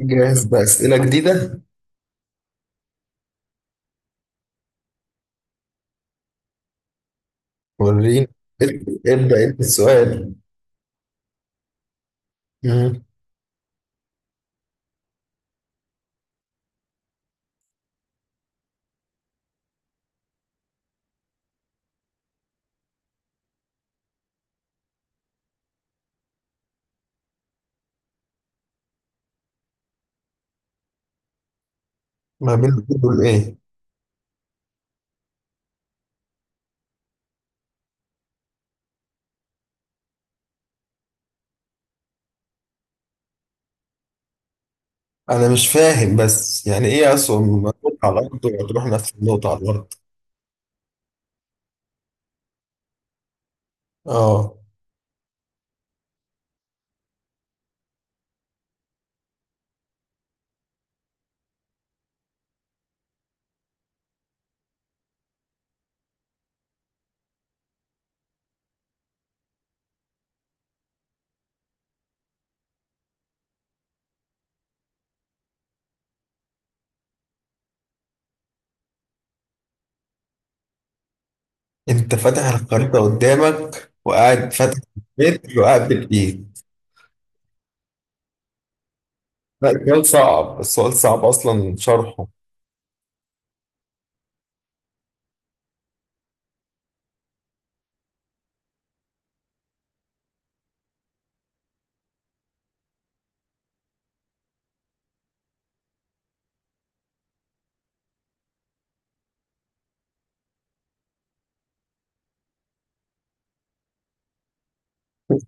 جاهز بأسئلة جديدة. وريني. ابدأ انت السؤال. مم. ما بين دول ايه؟ انا مش فاهم، بس يعني ايه اصلا ما تروح على الارض وتروح نفس النقطة على الارض؟ اه، انت فاتح الخريطة قدامك وقاعد فاتح متر وقاعد بالايد؟ لا، السؤال صعب، السؤال صعب اصلا شرحه.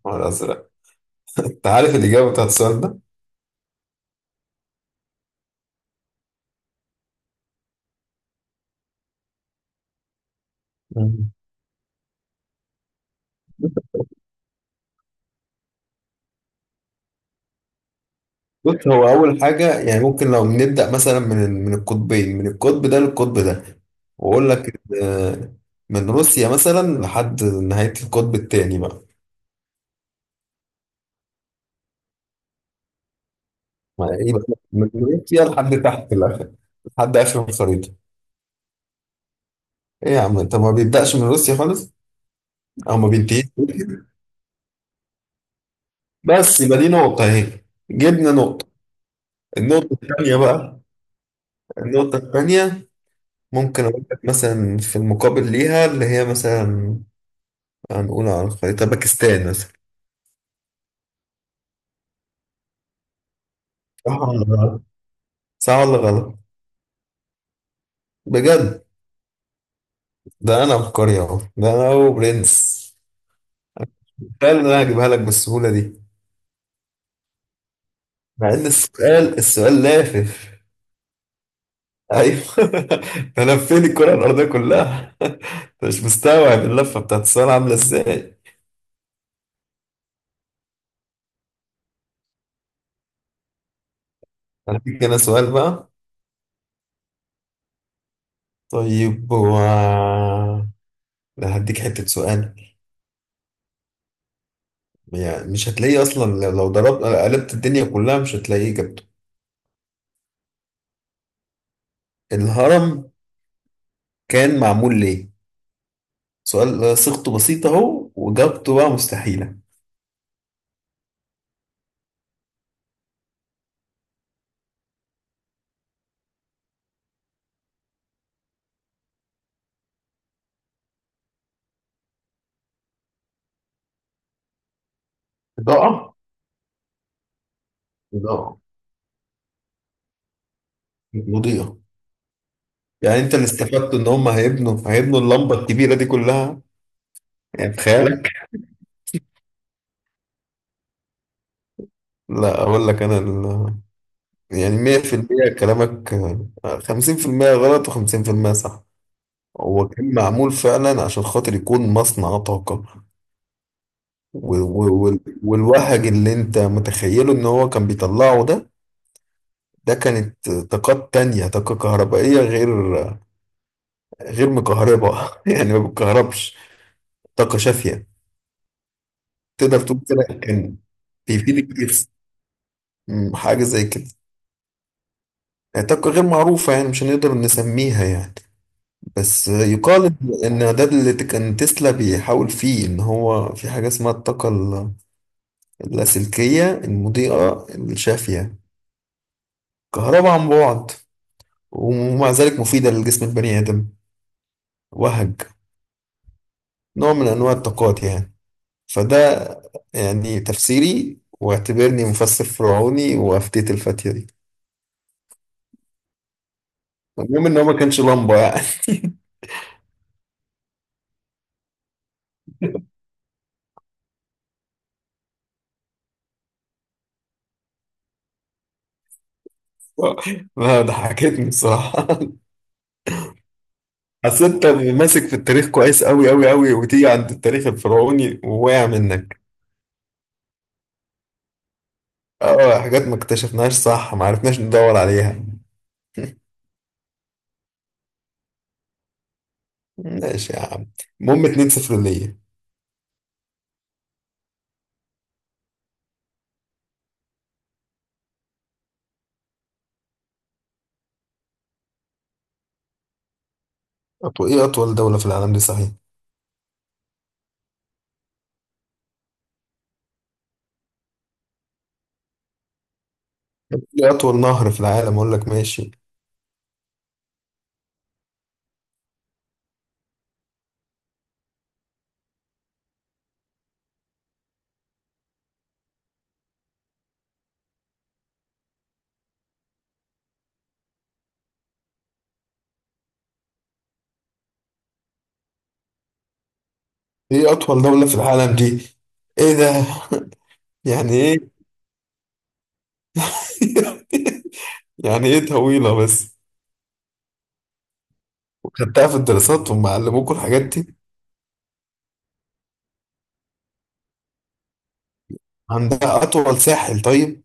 الازرق. انت عارف الاجابة بتاعت السؤال ده؟ بص، هو أول حاجة يعني ممكن لو نبدأ مثلا من القطبين، من القطب ده للقطب ده، وأقول لك من روسيا مثلا لحد نهاية القطب التاني بقى. ما إيه بقى؟ من روسيا لحد تحت الآخر، لحد آخر الخريطة. إيه يا عم، أنت ما بيبدأش من روسيا خالص، أو ما بينتهيش، بس يبقى دي نقطة أهي، جبنا نقطة. النقطة التانية بقى. النقطة التانية ممكن أقول لك مثلا في المقابل ليها، اللي هي مثلا هنقول على الخريطة باكستان مثلا. آه. صح ولا غلط؟ بجد؟ ده انا عبقري اهو، ده انا هو برنس. السؤال اللي انا هجيبها لك بالسهوله دي، مع ان السؤال لافف. ايوه. ده لفيني الكره الارضيه كلها. انت مش مستوعب اللفه بتاعت السؤال عامله ازاي. هديك انا سؤال بقى. طيب هو، لا هديك حته سؤال يعني مش هتلاقيه اصلا، لو ضربت قلبت الدنيا كلها مش هتلاقيه اجابته. الهرم كان معمول ليه؟ سؤال صيغته بسيطه اهو، واجابته بقى مستحيله. إضاءة؟ إضاءة مضيئة؟ يعني أنت اللي استفدته إن هم هيبنوا اللمبة الكبيرة دي كلها. يعني بخيالك. لا أقول لك، يعني 100% كلامك، 50% غلط و50% صح. هو كان معمول فعلا عشان خاطر يكون مصنع طاقة، والوهج اللي أنت متخيله إن هو كان بيطلعه ده، ده كانت طاقات تانية، طاقة كهربائية غير، غير مكهربة، يعني ما بتكهربش. طاقة شافية. تقدر تقول كده، كان بيفيدك كتير، مم، حاجة زي كده. طاقة غير معروفة يعني، مش هنقدر نسميها يعني، بس يقال إن ده اللي كان تسلا بيحاول فيه، إن هو في حاجة اسمها اللاسلكية، المضيئة، الشافية، كهرباء عن بعد، ومع ذلك مفيدة لجسم البني آدم. وهج. نوع من أنواع الطاقات يعني. فده يعني تفسيري، واعتبرني مفسر فرعوني وأفتيت الفتية دي. المهم إن هو ما كانش لمبة يعني. ما ضحكتني الصراحة. أصل أنت ماسك في التاريخ كويس أوي أوي أوي، وتيجي عند التاريخ الفرعوني وواقع منك. أه، حاجات ما اكتشفناهاش صح، ما عرفناش ندور عليها. ماشي يا عم. المهم 2-0 ليا. أطول إيه؟ أطول دولة في العالم دي صحيح؟ إيه أطول نهر في العالم أقول لك، ماشي. إيه أطول دولة في العالم دي؟ إيه ده؟ يعني إيه؟ يعني إيه طويلة بس؟ وخدتها في الدراسات وهم علموكوا الحاجات دي؟ عندها أطول ساحل طيب؟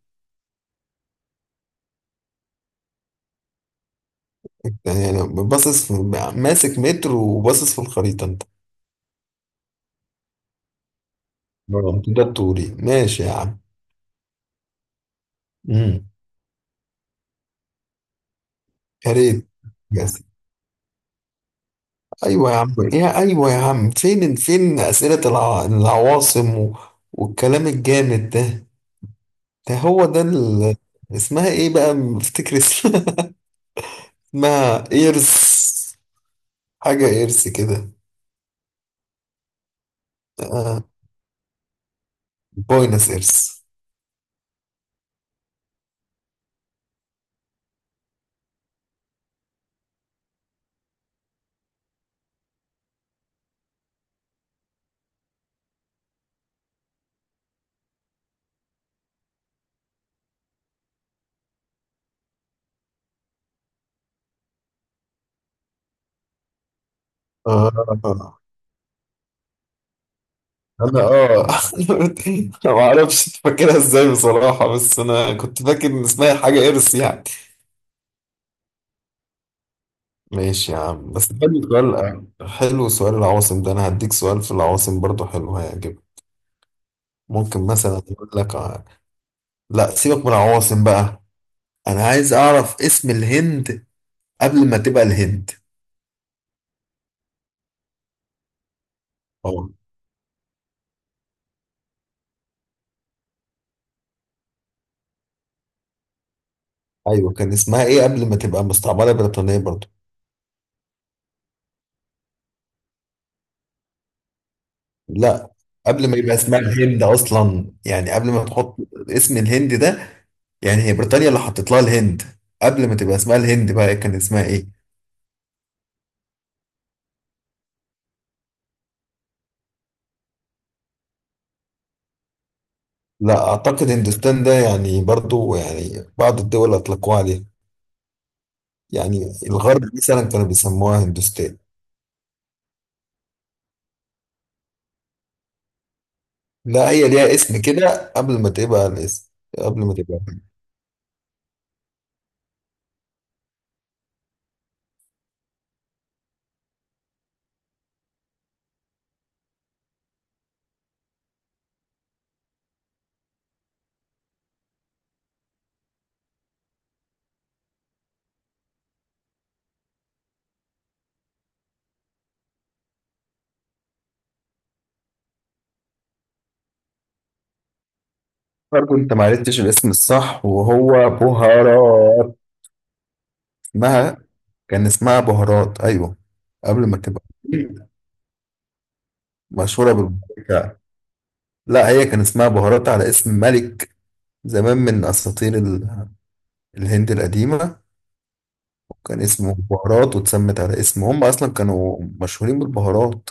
يعني انا باصص ماسك متر وباصص في الخريطه انت. اه ده الطولي، ماشي يا عم. امم. يا ريت. بس. ايوه يا عم، إيه يا، ايوه يا عم، فين العواصم والكلام الجامد ده، ده هو ده اسمها ايه بقى؟ بفتكر اسمها، اسمها ايرس، حاجه ايرس كده. آه. بوينس ايرس. آه. انا اه، انا ما اعرفش إنت فاكرها ازاي بصراحه، بس انا كنت فاكر ان اسمها حاجه ارث يعني. ماشي يا عم، بس حلو سؤال. حلو سؤال العواصم ده، انا هديك سؤال في العواصم برضو حلو هيعجبك. ممكن مثلا اقول لك لا سيبك من العواصم بقى. انا عايز اعرف اسم الهند قبل ما تبقى الهند. اه. ايوه، كان اسمها ايه قبل ما تبقى مستعمره بريطانيه برضو؟ لا قبل ما يبقى اسمها الهند اصلا، يعني قبل ما تحط اسم الهند ده، يعني هي بريطانيا اللي حطت لها الهند، قبل ما تبقى اسمها الهند بقى كان اسمها ايه؟ لا اعتقد هندوستان ده يعني برضو، يعني بعض الدول اطلقوها عليها، يعني الغرب مثلا كانوا بيسموها هندوستان. لا هي ليها اسم كده قبل ما تبقى الاسم. قبل ما تبقى، برضو انت ما عرفتش الاسم الصح وهو بهارات. اسمها، كان اسمها بهارات ايوه. قبل ما تبقى مشهورة بالبابريكا. لا هي كان اسمها بهارات على اسم ملك زمان من أساطير الهند القديمة، كان اسمه بهارات واتسمت على اسمه، هم أصلا كانوا مشهورين بالبهارات.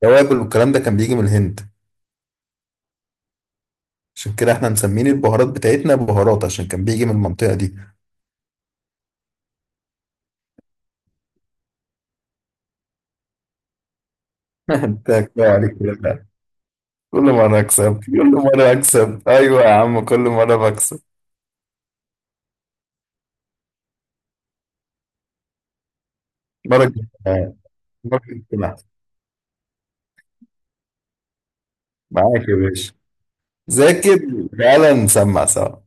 توابل والكلام ده كان بيجي من الهند، عشان كده احنا مسمين البهارات بتاعتنا بهارات عشان كان بيجي من المنطقة دي. انت كفاية عليك كده بقى. كل مرة أكسب، كل مرة أكسب، أيوة يا عم كل مرة بكسب. مرة كده. مرة كده. معاك يا باشا. ذاكر تعالى نسمع سوا.